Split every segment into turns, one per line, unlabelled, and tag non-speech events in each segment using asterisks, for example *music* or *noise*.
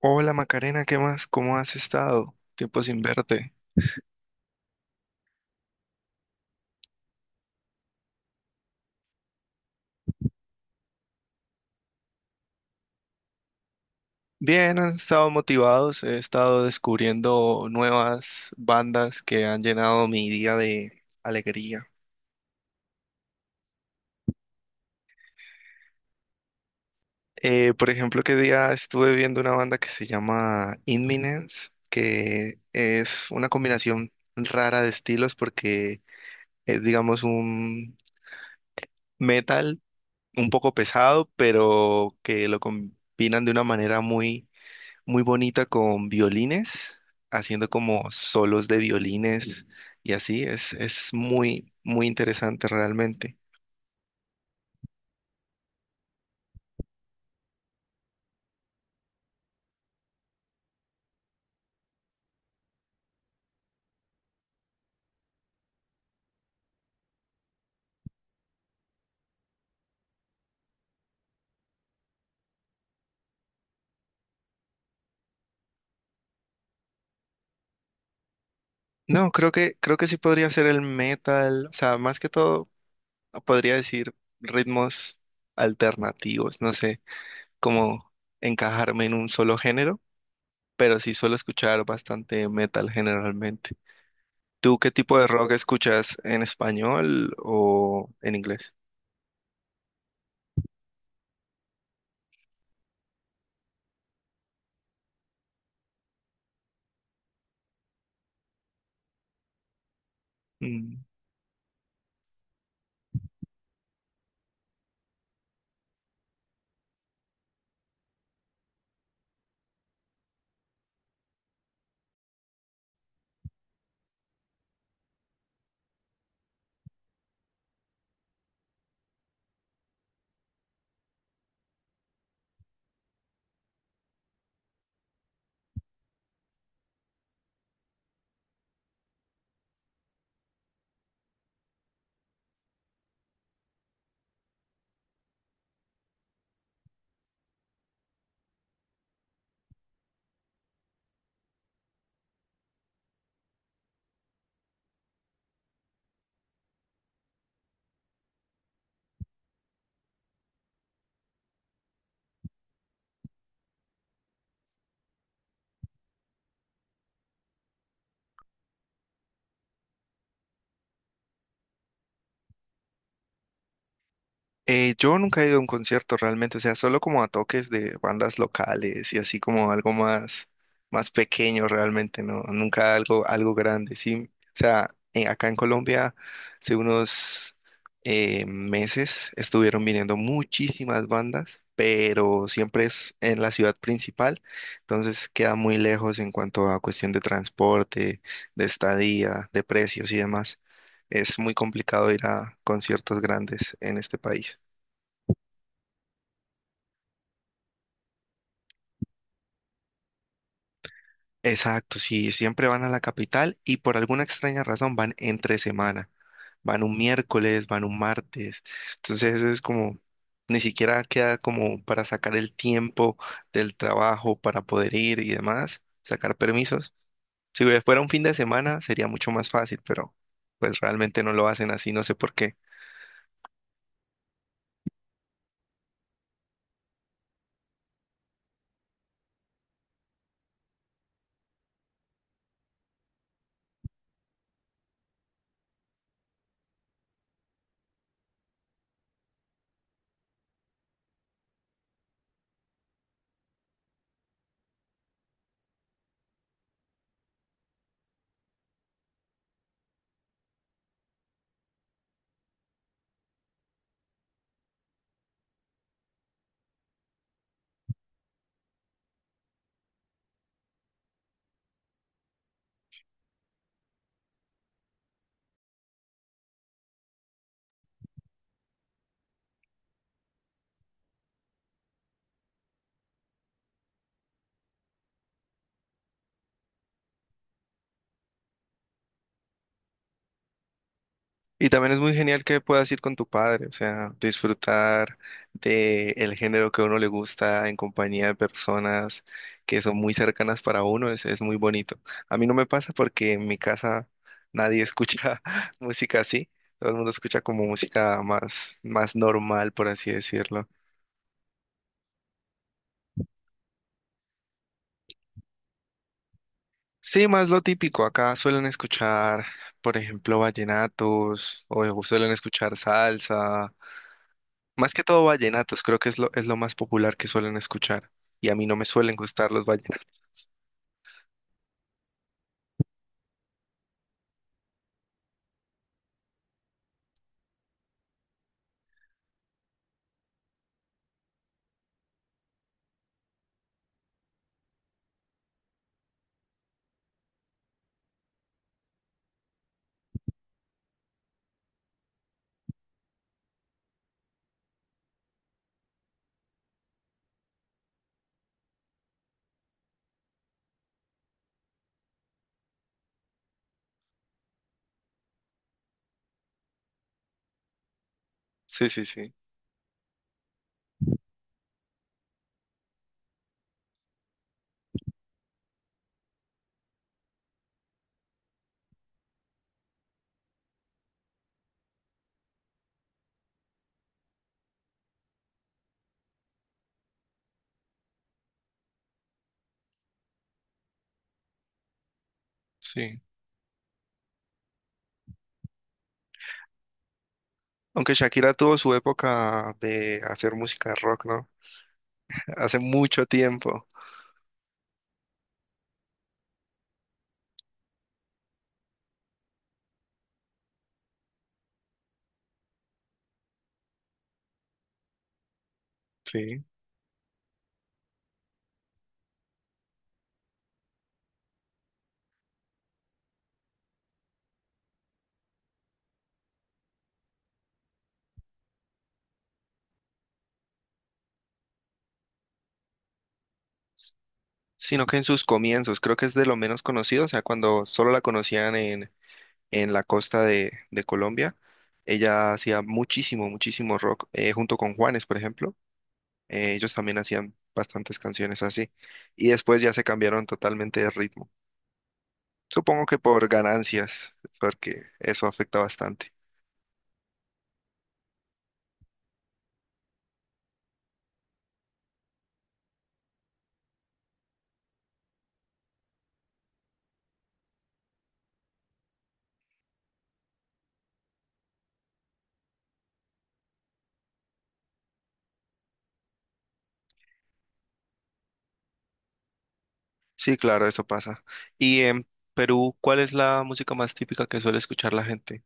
Hola Macarena, ¿qué más? ¿Cómo has estado? Tiempo sin verte. Bien, han estado motivados, he estado descubriendo nuevas bandas que han llenado mi día de alegría. Por ejemplo, que día estuve viendo una banda que se llama Inminence, que es una combinación rara de estilos porque es, digamos, un metal un poco pesado, pero que lo combinan de una manera muy bonita con violines, haciendo como solos de violines y así. Es muy, muy interesante realmente. No, creo que sí podría ser el metal. O sea, más que todo, podría decir ritmos alternativos. No sé cómo encajarme en un solo género, pero sí suelo escuchar bastante metal generalmente. ¿Tú qué tipo de rock escuchas en español o en inglés? Mm. Yo nunca he ido a un concierto realmente, o sea, solo como a toques de bandas locales y así como algo más, más pequeño realmente, ¿no? Nunca algo, algo grande, sí. O sea, acá en Colombia hace unos meses estuvieron viniendo muchísimas bandas, pero siempre es en la ciudad principal, entonces queda muy lejos en cuanto a cuestión de transporte, de estadía, de precios y demás. Es muy complicado ir a conciertos grandes en este país. Exacto, sí, siempre van a la capital y por alguna extraña razón van entre semana, van un miércoles, van un martes, entonces es como, ni siquiera queda como para sacar el tiempo del trabajo para poder ir y demás, sacar permisos. Si fuera un fin de semana sería mucho más fácil, pero pues realmente no lo hacen así, no sé por qué. Y también es muy genial que puedas ir con tu padre, o sea, disfrutar de el género que a uno le gusta en compañía de personas que son muy cercanas para uno, es muy bonito. A mí no me pasa porque en mi casa nadie escucha *laughs* música así, todo el mundo escucha como música más, más normal, por así decirlo. Sí, más lo típico, acá suelen escuchar, por ejemplo, vallenatos o suelen escuchar salsa. Más que todo vallenatos, creo que es lo más popular que suelen escuchar. Y a mí no me suelen gustar los vallenatos. Sí, sí, sí. Sí. Aunque Shakira tuvo su época de hacer música rock, ¿no? *laughs* Hace mucho tiempo. Sí. Sino que en sus comienzos, creo que es de lo menos conocido, o sea, cuando solo la conocían en la costa de Colombia, ella hacía muchísimo, muchísimo rock, junto con Juanes, por ejemplo. Ellos también hacían bastantes canciones así. Y después ya se cambiaron totalmente de ritmo. Supongo que por ganancias, porque eso afecta bastante. Sí, claro, eso pasa. Y en Perú, ¿cuál es la música más típica que suele escuchar la gente?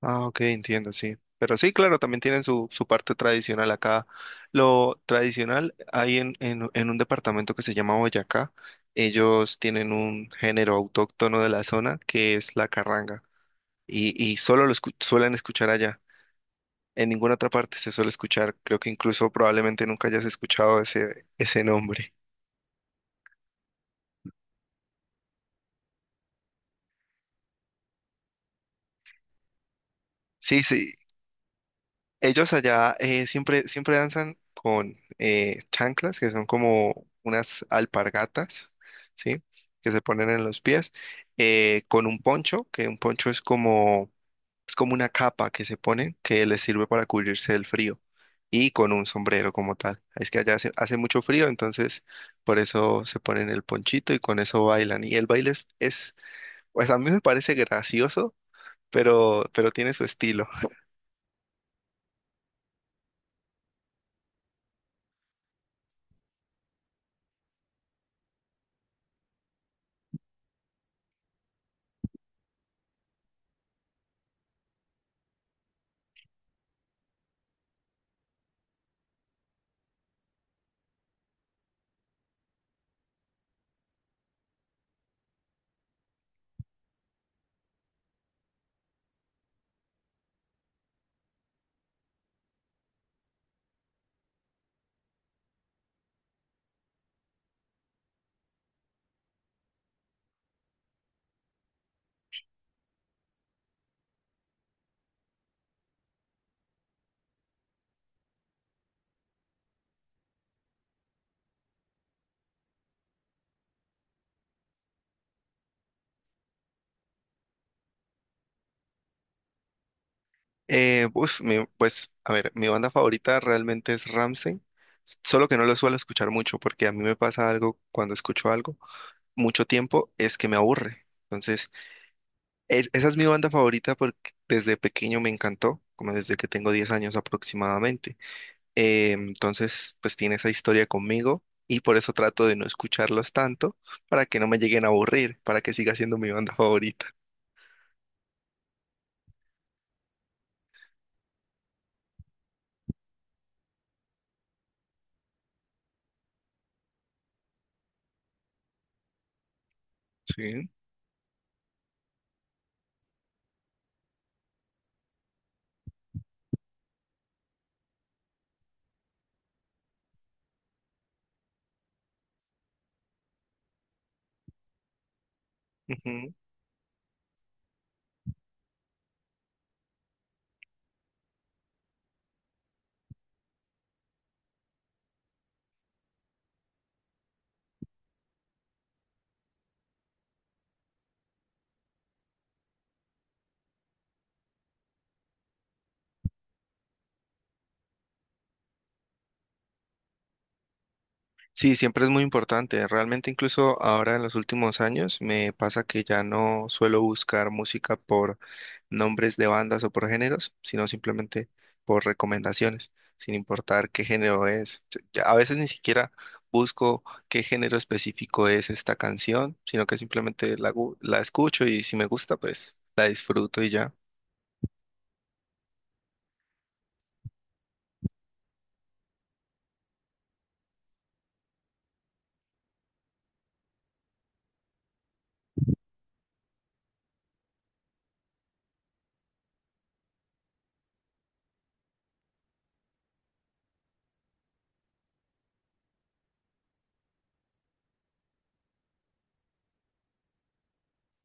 Ah, ok, entiendo, sí. Pero sí, claro, también tienen su, su parte tradicional acá. Lo tradicional hay en un departamento que se llama Boyacá. Ellos tienen un género autóctono de la zona que es la carranga. Y, y suelen escuchar allá. En ninguna otra parte se suele escuchar. Creo que incluso probablemente nunca hayas escuchado ese, ese nombre. Sí, sí. Ellos allá siempre, siempre danzan con chanclas, que son como unas alpargatas, ¿sí? Que se ponen en los pies, con un poncho, que un poncho es como. Es como una capa que se pone que les sirve para cubrirse del frío y con un sombrero como tal. Es que allá hace, hace mucho frío, entonces por eso se ponen el ponchito y con eso bailan. Y el baile es pues a mí me parece gracioso, pero tiene su estilo. Pues, a ver, mi banda favorita realmente es Ramsey, solo que no lo suelo escuchar mucho porque a mí me pasa algo cuando escucho algo mucho tiempo es que me aburre. Entonces esa es mi banda favorita porque desde pequeño me encantó, como desde que tengo 10 años aproximadamente. Entonces, pues tiene esa historia conmigo y por eso trato de no escucharlas tanto para que no me lleguen a aburrir, para que siga siendo mi banda favorita. Sí. Ujú. Sí, siempre es muy importante. Realmente incluso ahora en los últimos años me pasa que ya no suelo buscar música por nombres de bandas o por géneros, sino simplemente por recomendaciones, sin importar qué género es. Ya a veces ni siquiera busco qué género específico es esta canción, sino que simplemente la escucho y si me gusta, pues la disfruto y ya.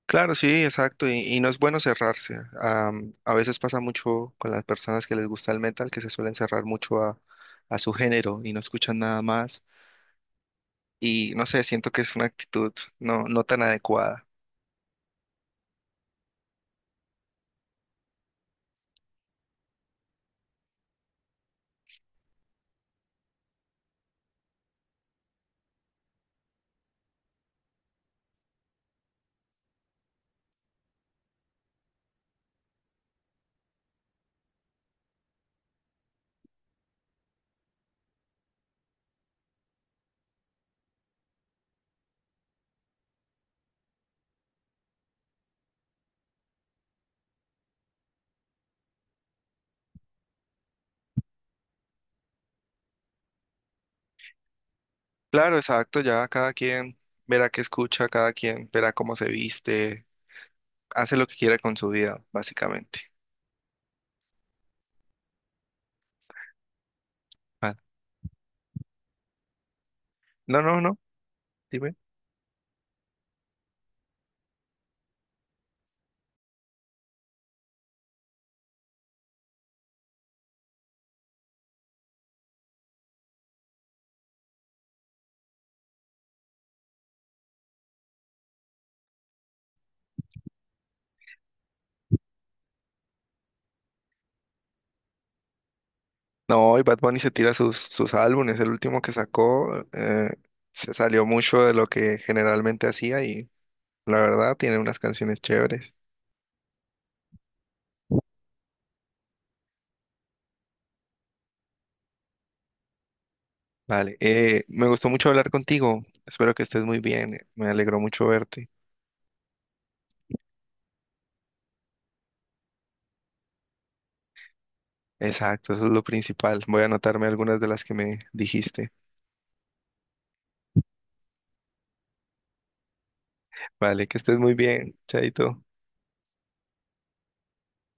Claro, sí, exacto, y no es bueno cerrarse. A veces pasa mucho con las personas que les gusta el metal, que se suelen cerrar mucho a su género y no escuchan nada más. Y no sé, siento que es una actitud no tan adecuada. Claro, exacto, ya cada quien verá qué escucha, cada quien verá cómo se viste, hace lo que quiera con su vida, básicamente. Ah. No, no, no, dime. No, y Bad Bunny se tira sus, sus álbumes, el último que sacó se salió mucho de lo que generalmente hacía y la verdad tiene unas canciones chéveres. Vale, me gustó mucho hablar contigo, espero que estés muy bien, me alegró mucho verte. Exacto, eso es lo principal, voy a anotarme algunas de las que me dijiste. Vale, que estés muy bien, chaito.